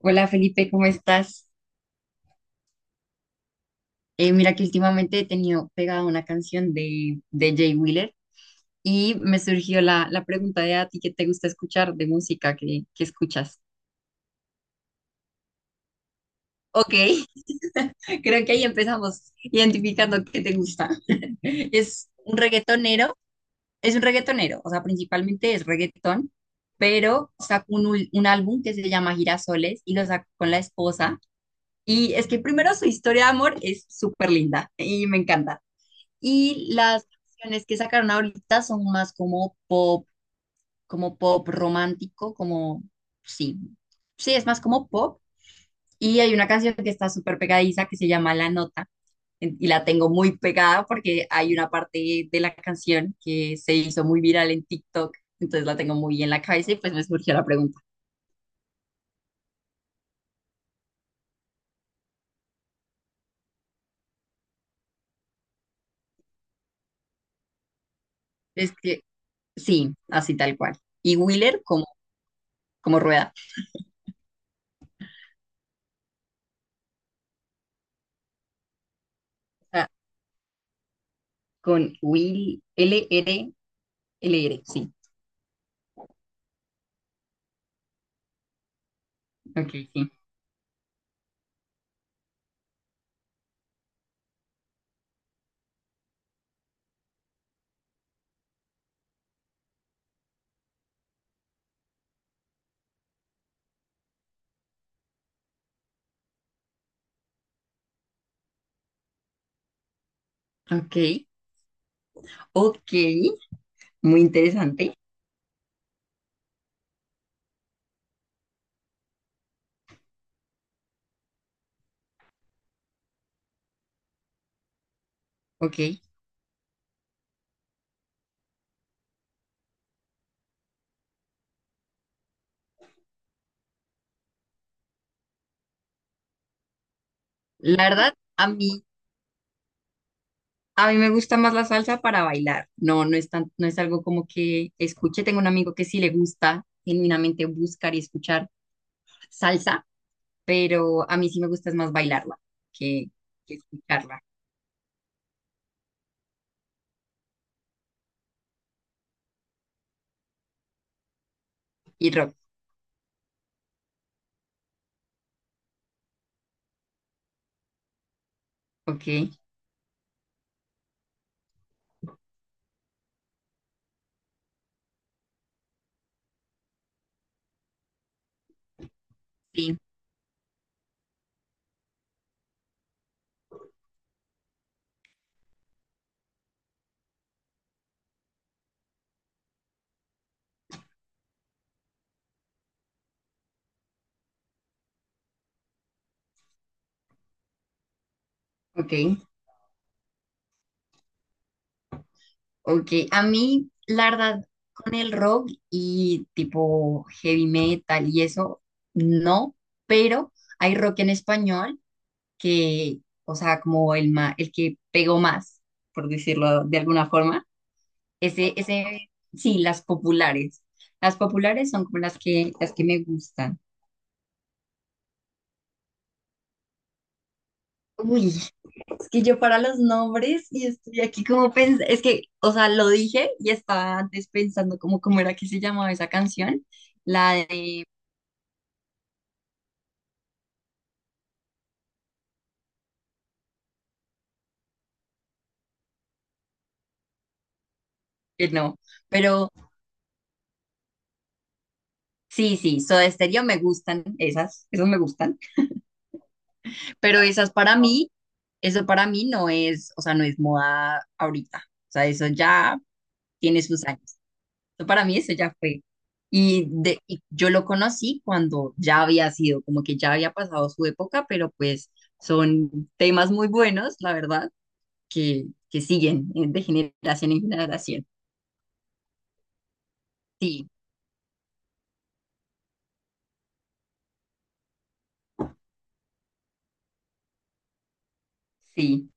Hola Felipe, ¿cómo estás? Mira que últimamente he tenido pegada una canción de Jay Wheeler y me surgió la pregunta de a ti qué te gusta escuchar de música que escuchas. Ok, creo que ahí empezamos identificando qué te gusta. Es un reggaetonero, es un reggaetonero, o sea, principalmente es reggaetón, pero sacó un álbum que se llama Girasoles y lo sacó con la esposa. Y es que primero su historia de amor es súper linda y me encanta. Y las canciones que sacaron ahorita son más como pop romántico, como, sí, sí, es más como pop. Y hay una canción que está súper pegadiza que se llama La Nota. Y la tengo muy pegada porque hay una parte de la canción que se hizo muy viral en TikTok. Entonces la tengo muy en la cabeza y pues me surgió la pregunta. Es que sí, así tal cual. Y Wheeler como, como rueda. O sea, con Will, L-R, L-R, sí. Ok, sí. Ok. Ok, muy interesante. Ok. La verdad, a mí me gusta más la salsa para bailar. No, no es tan, no es algo como que escuche. Tengo un amigo que sí le gusta genuinamente buscar y escuchar salsa, pero a mí sí me gusta es más bailarla que, que escucharla. Y rock. Ok, sí, ok, ok. A mí, la verdad, con el rock y tipo heavy metal y eso, no, pero hay rock en español que, o sea, como el que pegó más, por decirlo de alguna forma. Ese, sí, las populares. Las populares son como las que me gustan. Uy, es que yo para los nombres y estoy aquí como pensando, es que, o sea, lo dije y estaba antes pensando como cómo era que se llamaba esa canción, la de, no, pero sí, sí, Soda Stereo me gustan esas, esas me gustan. Pero esas para mí, eso para mí no es, o sea, no es moda ahorita. O sea, eso ya tiene sus años. Eso para mí eso ya fue. Y yo lo conocí cuando ya había sido, como que ya había pasado su época, pero pues son temas muy buenos, la verdad, que siguen de generación en generación. Sí, sí.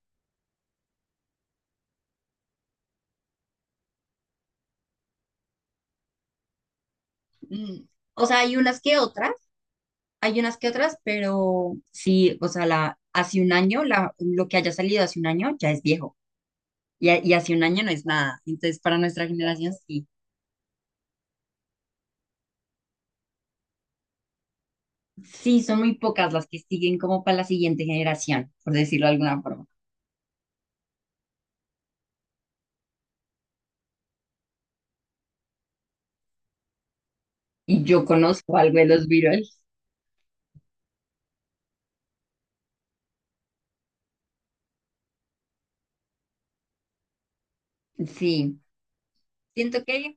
Mm. O sea, hay unas que otras, hay unas que otras, pero sí, o sea, la, hace un año, la, lo que haya salido hace un año ya es viejo. Y, y hace un año no es nada. Entonces, para nuestra generación, sí. Sí, son muy pocas las que siguen como para la siguiente generación, por decirlo de alguna forma. Y yo conozco algo de los virales. Sí, siento que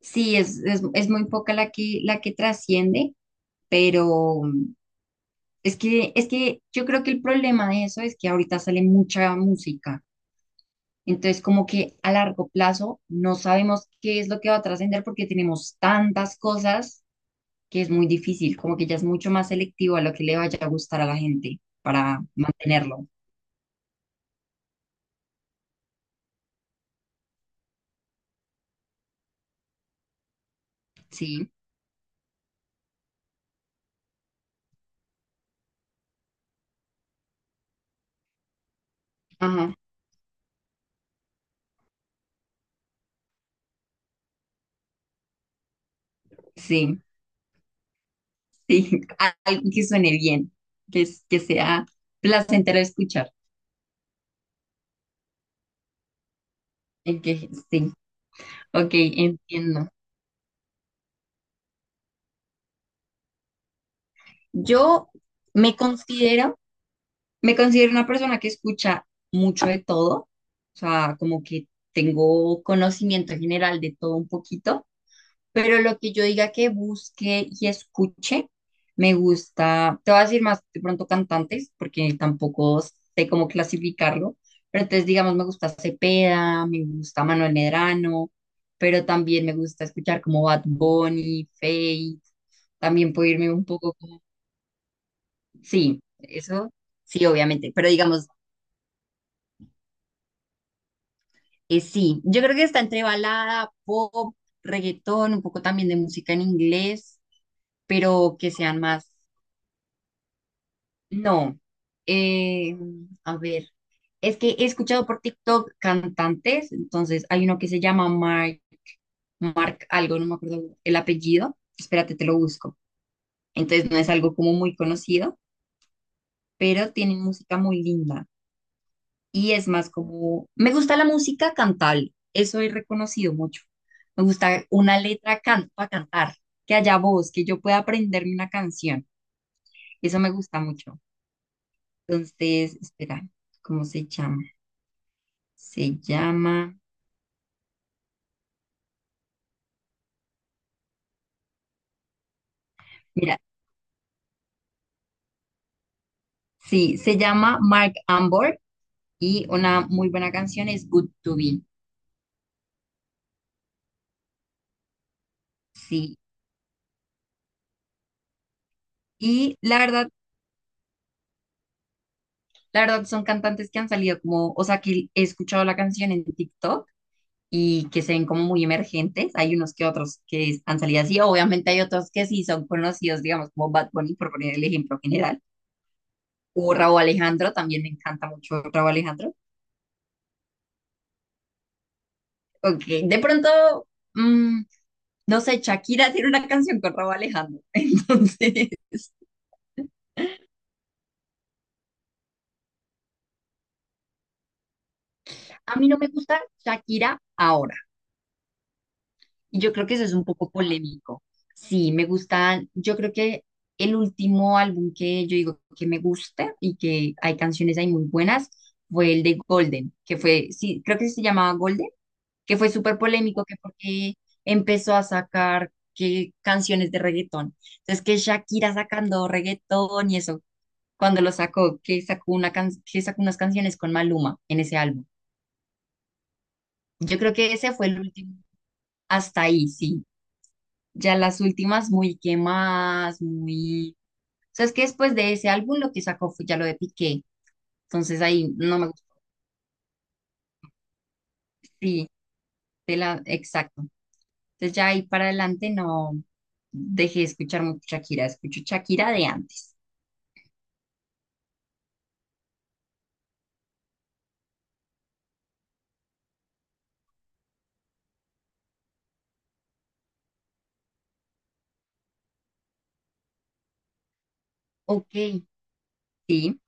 sí, es muy poca la que trasciende, pero es que yo creo que el problema de eso es que ahorita sale mucha música. Entonces, como que a largo plazo no sabemos qué es lo que va a trascender porque tenemos tantas cosas que es muy difícil, como que ya es mucho más selectivo a lo que le vaya a gustar a la gente para mantenerlo, ¿sí? Ajá, sí, sí, algo que suene bien, que, que sea placentero escuchar. En que sí, ok, entiendo. Yo me considero, me considero una persona que escucha mucho de todo, o sea, como que tengo conocimiento general de todo un poquito. Pero lo que yo diga que busque y escuche, me gusta, te voy a decir más de pronto cantantes, porque tampoco sé cómo clasificarlo, pero entonces digamos me gusta Cepeda, me gusta Manuel Medrano, pero también me gusta escuchar como Bad Bunny, Feid, también puedo irme un poco como, sí, eso sí, obviamente, pero digamos, sí, yo creo que está entre balada, pop, reggaetón, un poco también de música en inglés, pero que sean más no, eh, a ver, es que he escuchado por TikTok cantantes, entonces hay uno que se llama Mark, Mark algo, no me acuerdo el apellido, espérate, te lo busco. Entonces no es algo como muy conocido, pero tienen música muy linda y es más como, me gusta la música cantable, eso he reconocido mucho. Me gusta una letra can para cantar, que haya voz, que yo pueda aprenderme una canción, eso me gusta mucho. Entonces, espera, ¿cómo se llama? Se llama, mira, sí, se llama Mark Ambor y una muy buena canción es Good to Be. Sí, y la verdad son cantantes que han salido como, o sea, que he escuchado la canción en TikTok y que se ven como muy emergentes. Hay unos que otros que han salido así, obviamente hay otros que sí son conocidos, digamos, como Bad Bunny, por poner el ejemplo general, o Rauw Alejandro, también me encanta mucho Rauw Alejandro. Ok, de pronto. Mm. No sé, Shakira tiene una canción con Rauw Alejandro. Entonces, a mí no me gusta Shakira ahora. Y yo creo que eso es un poco polémico. Sí, me gusta, yo creo que el último álbum que yo digo que me gusta y que hay canciones ahí muy buenas fue el de Golden, que fue, sí, creo que se llamaba Golden, que fue súper polémico, que porque empezó a sacar que canciones de reggaetón. Entonces, que Shakira sacando reggaetón y eso, cuando lo sacó, que sacó que sacó unas canciones con Maluma en ese álbum. Yo creo que ese fue el último. Hasta ahí, sí. Ya las últimas muy quemadas, muy... O sea, es que después de ese álbum lo que sacó fue ya lo de Piqué. Entonces ahí no me sí, de la, exacto. Entonces ya ahí para adelante no dejé de escuchar mucho Shakira, escucho Shakira de antes. Ok, sí.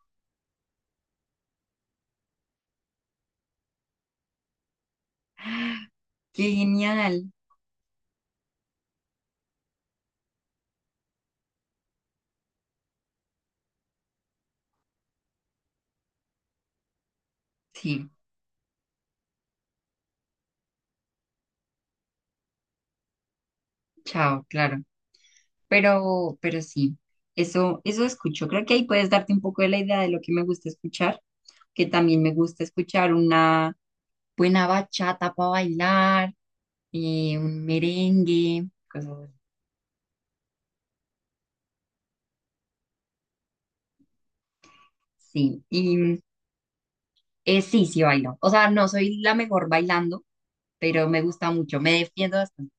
¡Ah! Qué genial. Sí, chao, claro. Pero sí, eso escucho. Creo que ahí puedes darte un poco de la idea de lo que me gusta escuchar, que también me gusta escuchar una buena bachata para bailar, un merengue, cosas así. Sí, y sí, sí bailo. O sea, no soy la mejor bailando, pero me gusta mucho, me defiendo bastante.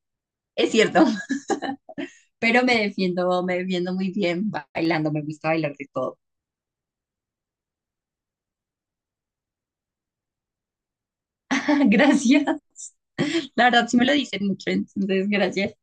Es cierto, pero me defiendo muy bien bailando, me gusta bailar de todo. Gracias. La verdad, sí me lo dicen mucho, entonces gracias.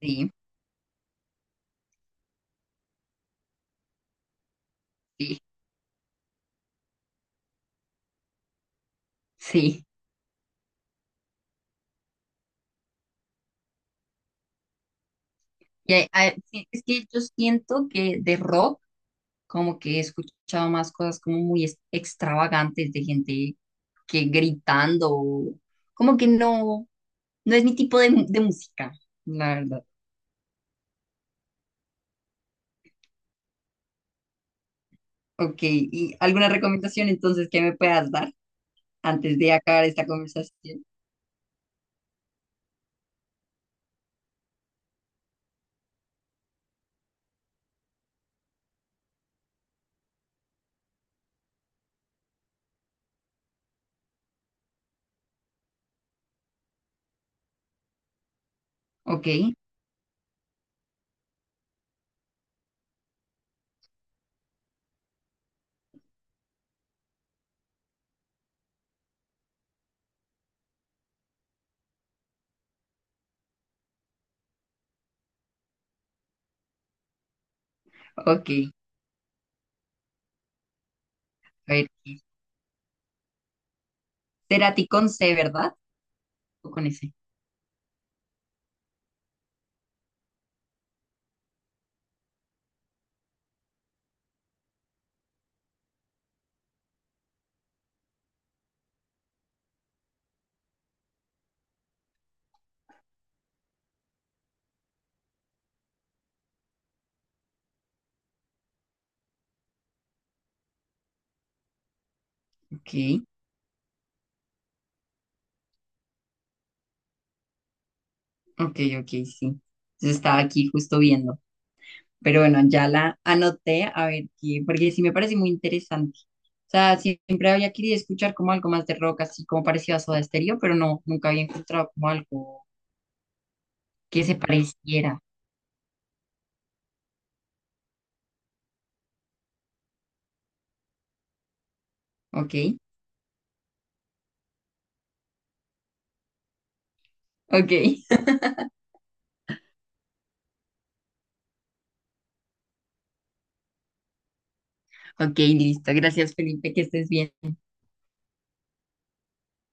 Sí, sí, sí. Y sí, es que yo siento que de rock, como que he escuchado más cosas como muy extravagantes de gente que gritando, o- como que no, no es mi tipo de, de música, la verdad. Ok, ¿y alguna recomendación entonces que me puedas dar antes de acabar esta conversación? Ok, ok, a ver, Cerati con C, ¿verdad? O con S. Ok. Ok, ok, sí. Yo estaba aquí justo viendo. Pero bueno, ya la anoté, a ver qué, porque sí me parece muy interesante. O sea, siempre había querido escuchar como algo más de rock, así como parecido a Soda Stereo, pero no, nunca había encontrado como algo que se pareciera. Ok, ok, ok, listo. Gracias, Felipe, que estés bien.